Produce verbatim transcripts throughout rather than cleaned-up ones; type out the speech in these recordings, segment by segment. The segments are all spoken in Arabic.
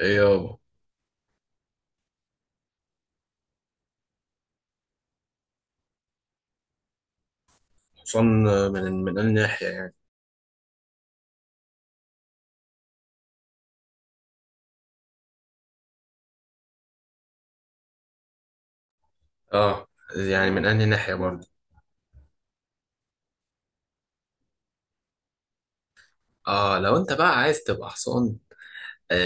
ايه يابا. حصان؟ من من أنهي ناحية يعني؟ اه، يعني من أنهي ناحية برضه؟ اه، لو انت بقى عايز تبقى حصان. آه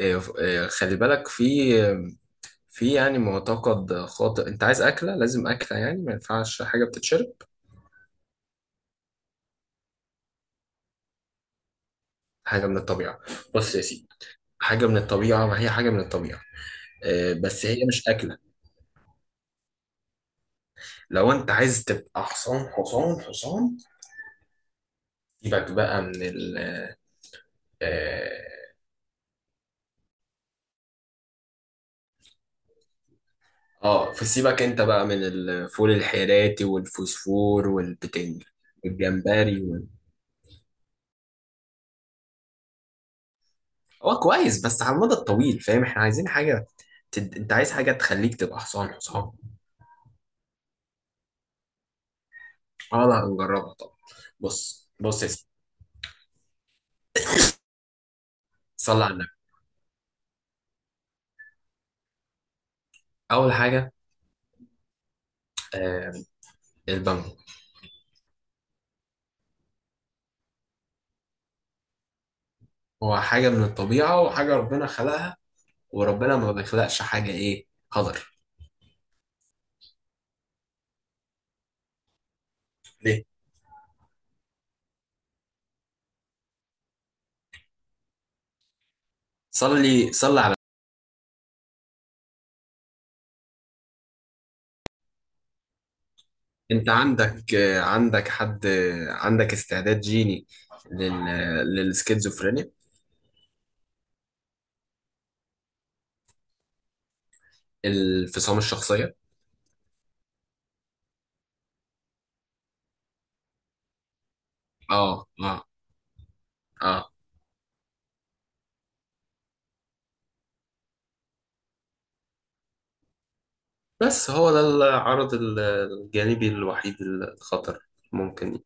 آه آه خلي بالك. في في يعني معتقد خاطئ، انت عايز اكله، لازم اكله، يعني ما ينفعش حاجه بتتشرب. حاجه من الطبيعه. بص يا سيدي، حاجه من الطبيعه، ما هي حاجه من الطبيعه، آه بس هي مش اكله. لو انت عايز تبقى حصان حصان حصان، سيبك بقى من ال... آه، اه، فسيبك انت بقى من الفول الحيراتي والفوسفور والبتنج والجمبري وال... هو كويس بس على المدى الطويل، فاهم؟ احنا عايزين حاجة تد... انت عايز حاجة تخليك تبقى حصان حصان. اه لا، هنجربها طبعا. بص بص يا سيدي، صلي على النبي. اول حاجة، آه، البامبو. هو حاجة من الطبيعة وحاجة ربنا خلقها، وربنا ما بيخلقش حاجة ايه، هدر. ليه؟ صلي صلي على... انت عندك، عندك حد، عندك استعداد جيني لل... للسكيزوفرينيا، الانفصام الشخصية. اه اه اه. بس هو ده العرض ال- الجانبي الوحيد الخطر ممكن.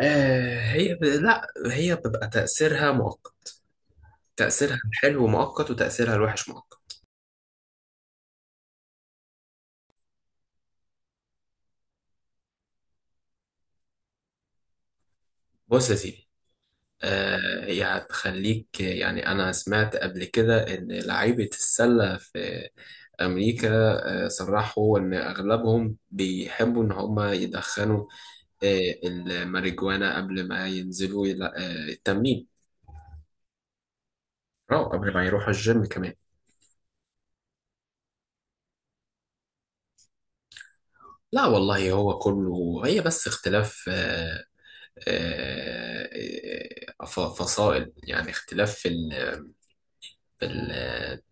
آه هي ب... لا هي بتبقى تأثيرها مؤقت، تأثيرها الحلو مؤقت وتأثيرها الوحش مؤقت. بص يا سيدي، آه هي هتخليك. يعني أنا سمعت قبل كده إن لعيبة السلة في أمريكا، آه، صرحوا إن أغلبهم بيحبوا إن هما يدخنوا آه، الماريجوانا قبل ما ينزلوا يلا- آه، التمرين، أو قبل ما يروحوا الجيم كمان. لا والله، هو كله هي، بس اختلاف آه، آه، آه، ف- فصائل، يعني اختلاف في ال... في ال...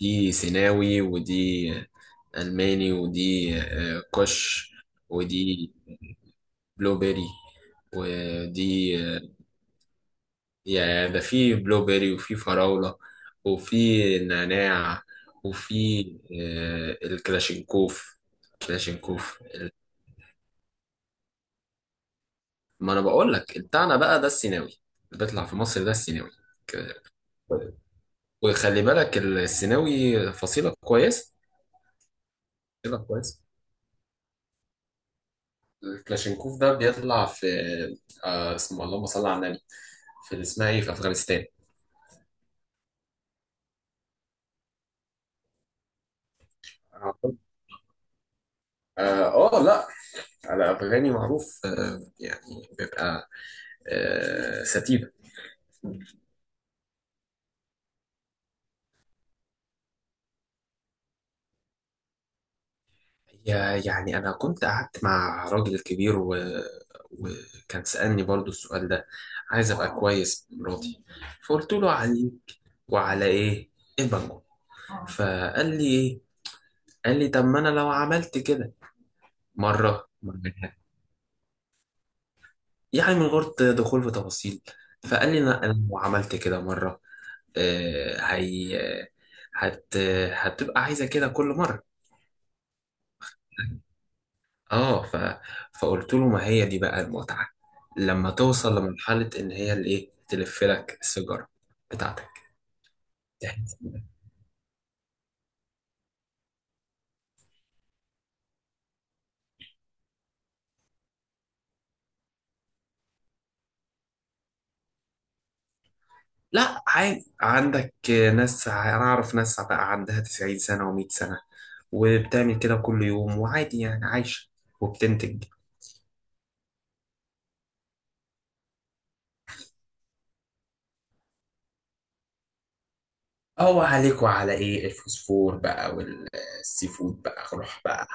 دي سيناوي، ودي ألماني، ودي آه، كوش، ودي بلو بيري، ودي آه، يا ده في بلو بيري، وفي فراولة، وفي نعناع، وفي آه، الكلاشينكوف، كلاشينكوف. ما انا بقول لك بتاعنا بقى ده السيناوي، اللي بيطلع في مصر ده السيناوي. ك-، وخلي بالك السيناوي فصيلة كويسة. فصيلة كويسة. الكلاشينكوف ده بيطلع في، آه اسمه، اللهم صل على النبي، في اللي اسمها ايه، في افغانستان. اه، آه، لا على افغاني معروف، آه يعني بيبقى آه ستيف. يا-، يعني أنا كنت قعدت مع راجل كبير و... وكان سألني برضو السؤال ده، عايز أبقى كويس مراتي، فقلت له علي وعلى إيه، البنجو. فقال لي إيه، قال لي طب ما أنا لو عملت كده مرة مرتين، يعني من غير دخول في تفاصيل. فقال لي لا، أنا لو عملت كده مرة، آه، هي هت... هتبقى عايزة كده كل مرة. اه ف... فقلت له ما هي دي بقى المتعة، لما توصل لمرحلة ان هي اللي ايه تلف لك السيجارة بتاعتك، تحس إنك-. لا عادي، عندك ناس، انا اعرف ناس بقى عندها تسعين سنة و100 سنة وبتعمل كده كل يوم وعادي، يعني عايشة وبتنتج. هو عليك وعلى ايه، الفوسفور بقى والسي فود بقى، روح بقى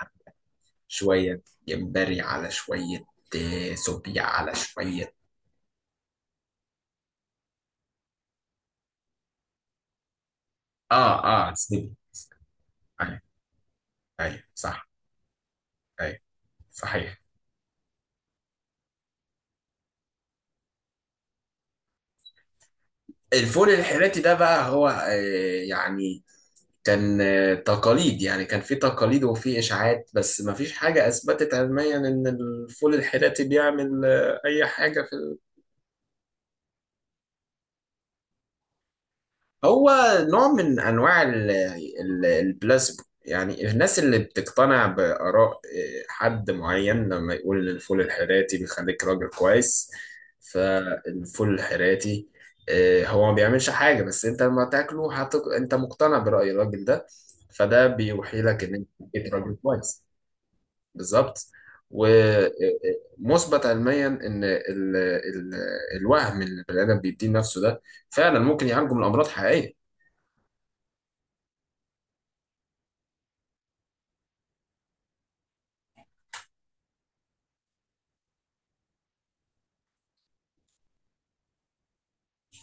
شوية جمبري، على شوية آه، سوبيا، على شوية. اه اه سيب، ايوه، ايوه صح، ايوه، صحيح. الفول الحراتي ده بقى هو آه، يعني كان آه، تقاليد، يعني كان في تقاليد وفي اشاعات، بس ما فيش حاجه اثبتت علميا ان الفول الحراتي بيعمل آه، اي حاجه. هو نوع من انواع ال-، ال- البلاسبو، يعني الناس اللي بتقتنع باراء آه، حد معين لما يقول ان الفول الحراتي بيخليك راجل كويس، فالفول الحراتي آه، هو ما بيعملش حاجه، بس انت لما تاكله هتق... انت مقتنع براي الراجل ده، فده بيوحي لك ان انت بقيت راجل كويس. بالظبط. ومثبت علميا ان ال... ال... الوهم اللي البني ادم بيديه نفسه ده فعلا ممكن يعالجه من امراض حقيقيه.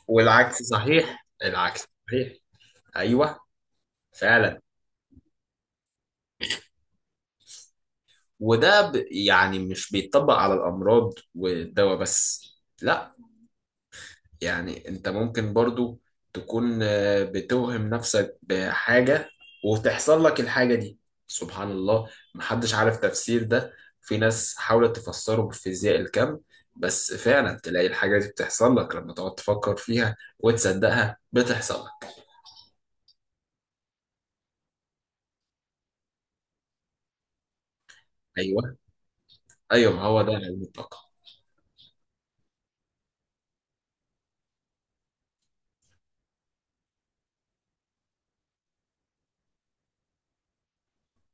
والعكس صحيح، العكس صحيح. ايوه. فعلا. وده ب... يعني مش بيتطبق على الامراض والدواء بس، لا، يعني انت ممكن برضو تكون آه، بتوهم نفسك بحاجة وتحصل لك الحاجة دي. سبحان الله، محدش عارف تفسير ده. في ناس حاولت تفسره بفيزياء الكم، بس فعلا تلاقي الحاجة دي بتحصل لك، لما تقعد تفكر فيها وتصدقها بتحصل لك. ايوه. ايوه، ما هو ده العلم، الطاقة.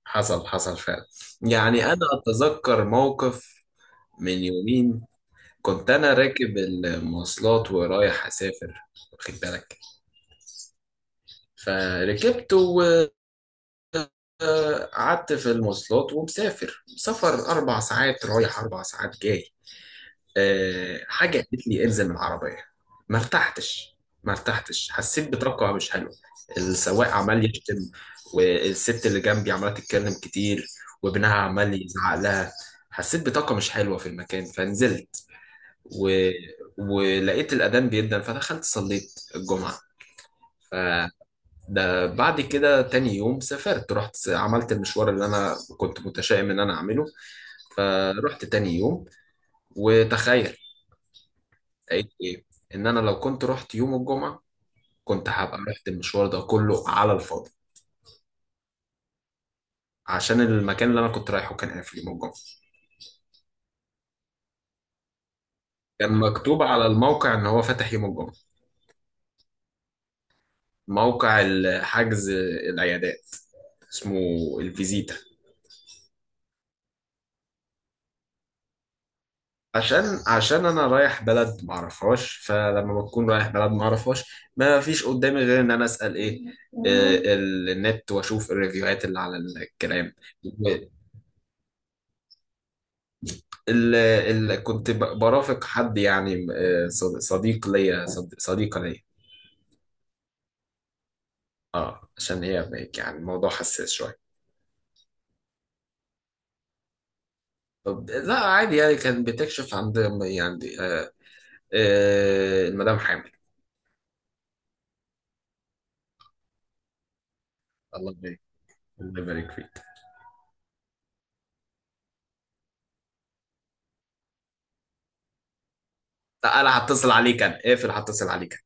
حصل حصل فعلا، يعني أنا أتذكر موقف من يومين، كنت أنا راكب المواصلات ورايح أسافر، واخد بالك؟ فركبت وقعدت في المواصلات ومسافر سفر أربع ساعات رايح أربع ساعات جاي. آه، حاجة قالت لي انزل من العربية، ما ارتحتش، ما ارتحتش، حسيت بطاقة مش حلوة. السواق عمال يشتم، والست اللي جنبي عمالة تتكلم كتير، وابنها عمال يزعق لها. حسيت بطاقة مش حلوة في المكان فنزلت، و... ولقيت الأذان بيدن فدخلت صليت الجمعة. فده بعد كده تاني يوم سافرت، رحت عملت المشوار اللي أنا كنت متشائم إن أنا أعمله. فرحت تاني يوم وتخيل لقيت ايه، ان انا لو كنت رحت يوم الجمعه، كنت هبقى رحت المشوار ده كله على الفاضي. عشان المكان اللي انا كنت رايحه كان قافل يوم الجمعه. كان مكتوب على الموقع ان هو فاتح يوم الجمعه. موقع ال- حجز العيادات، اسمه الفيزيتا. عشان عشان انا رايح بلد ما اعرفهاش، فلما بكون رايح بلد ما اعرفهاش، ما فيش قدامي غير ان انا اسال ايه آه، ال- النت واشوف الريفيوهات اللي على الكلام. ال ال كنت ب- برافق حد، يعني آه، صد- صديق ليا، صد- صديقة ليا. اه، عشان هي بقى- يعني الموضوع حساس شوية. طب لا عادي، يعني كان بتكشف عند، يعني آه، آه، المدام حامل. الله يبارك، الله يبارك فيك. لا انا هتصل عليك، انا اقفل هتصل عليك.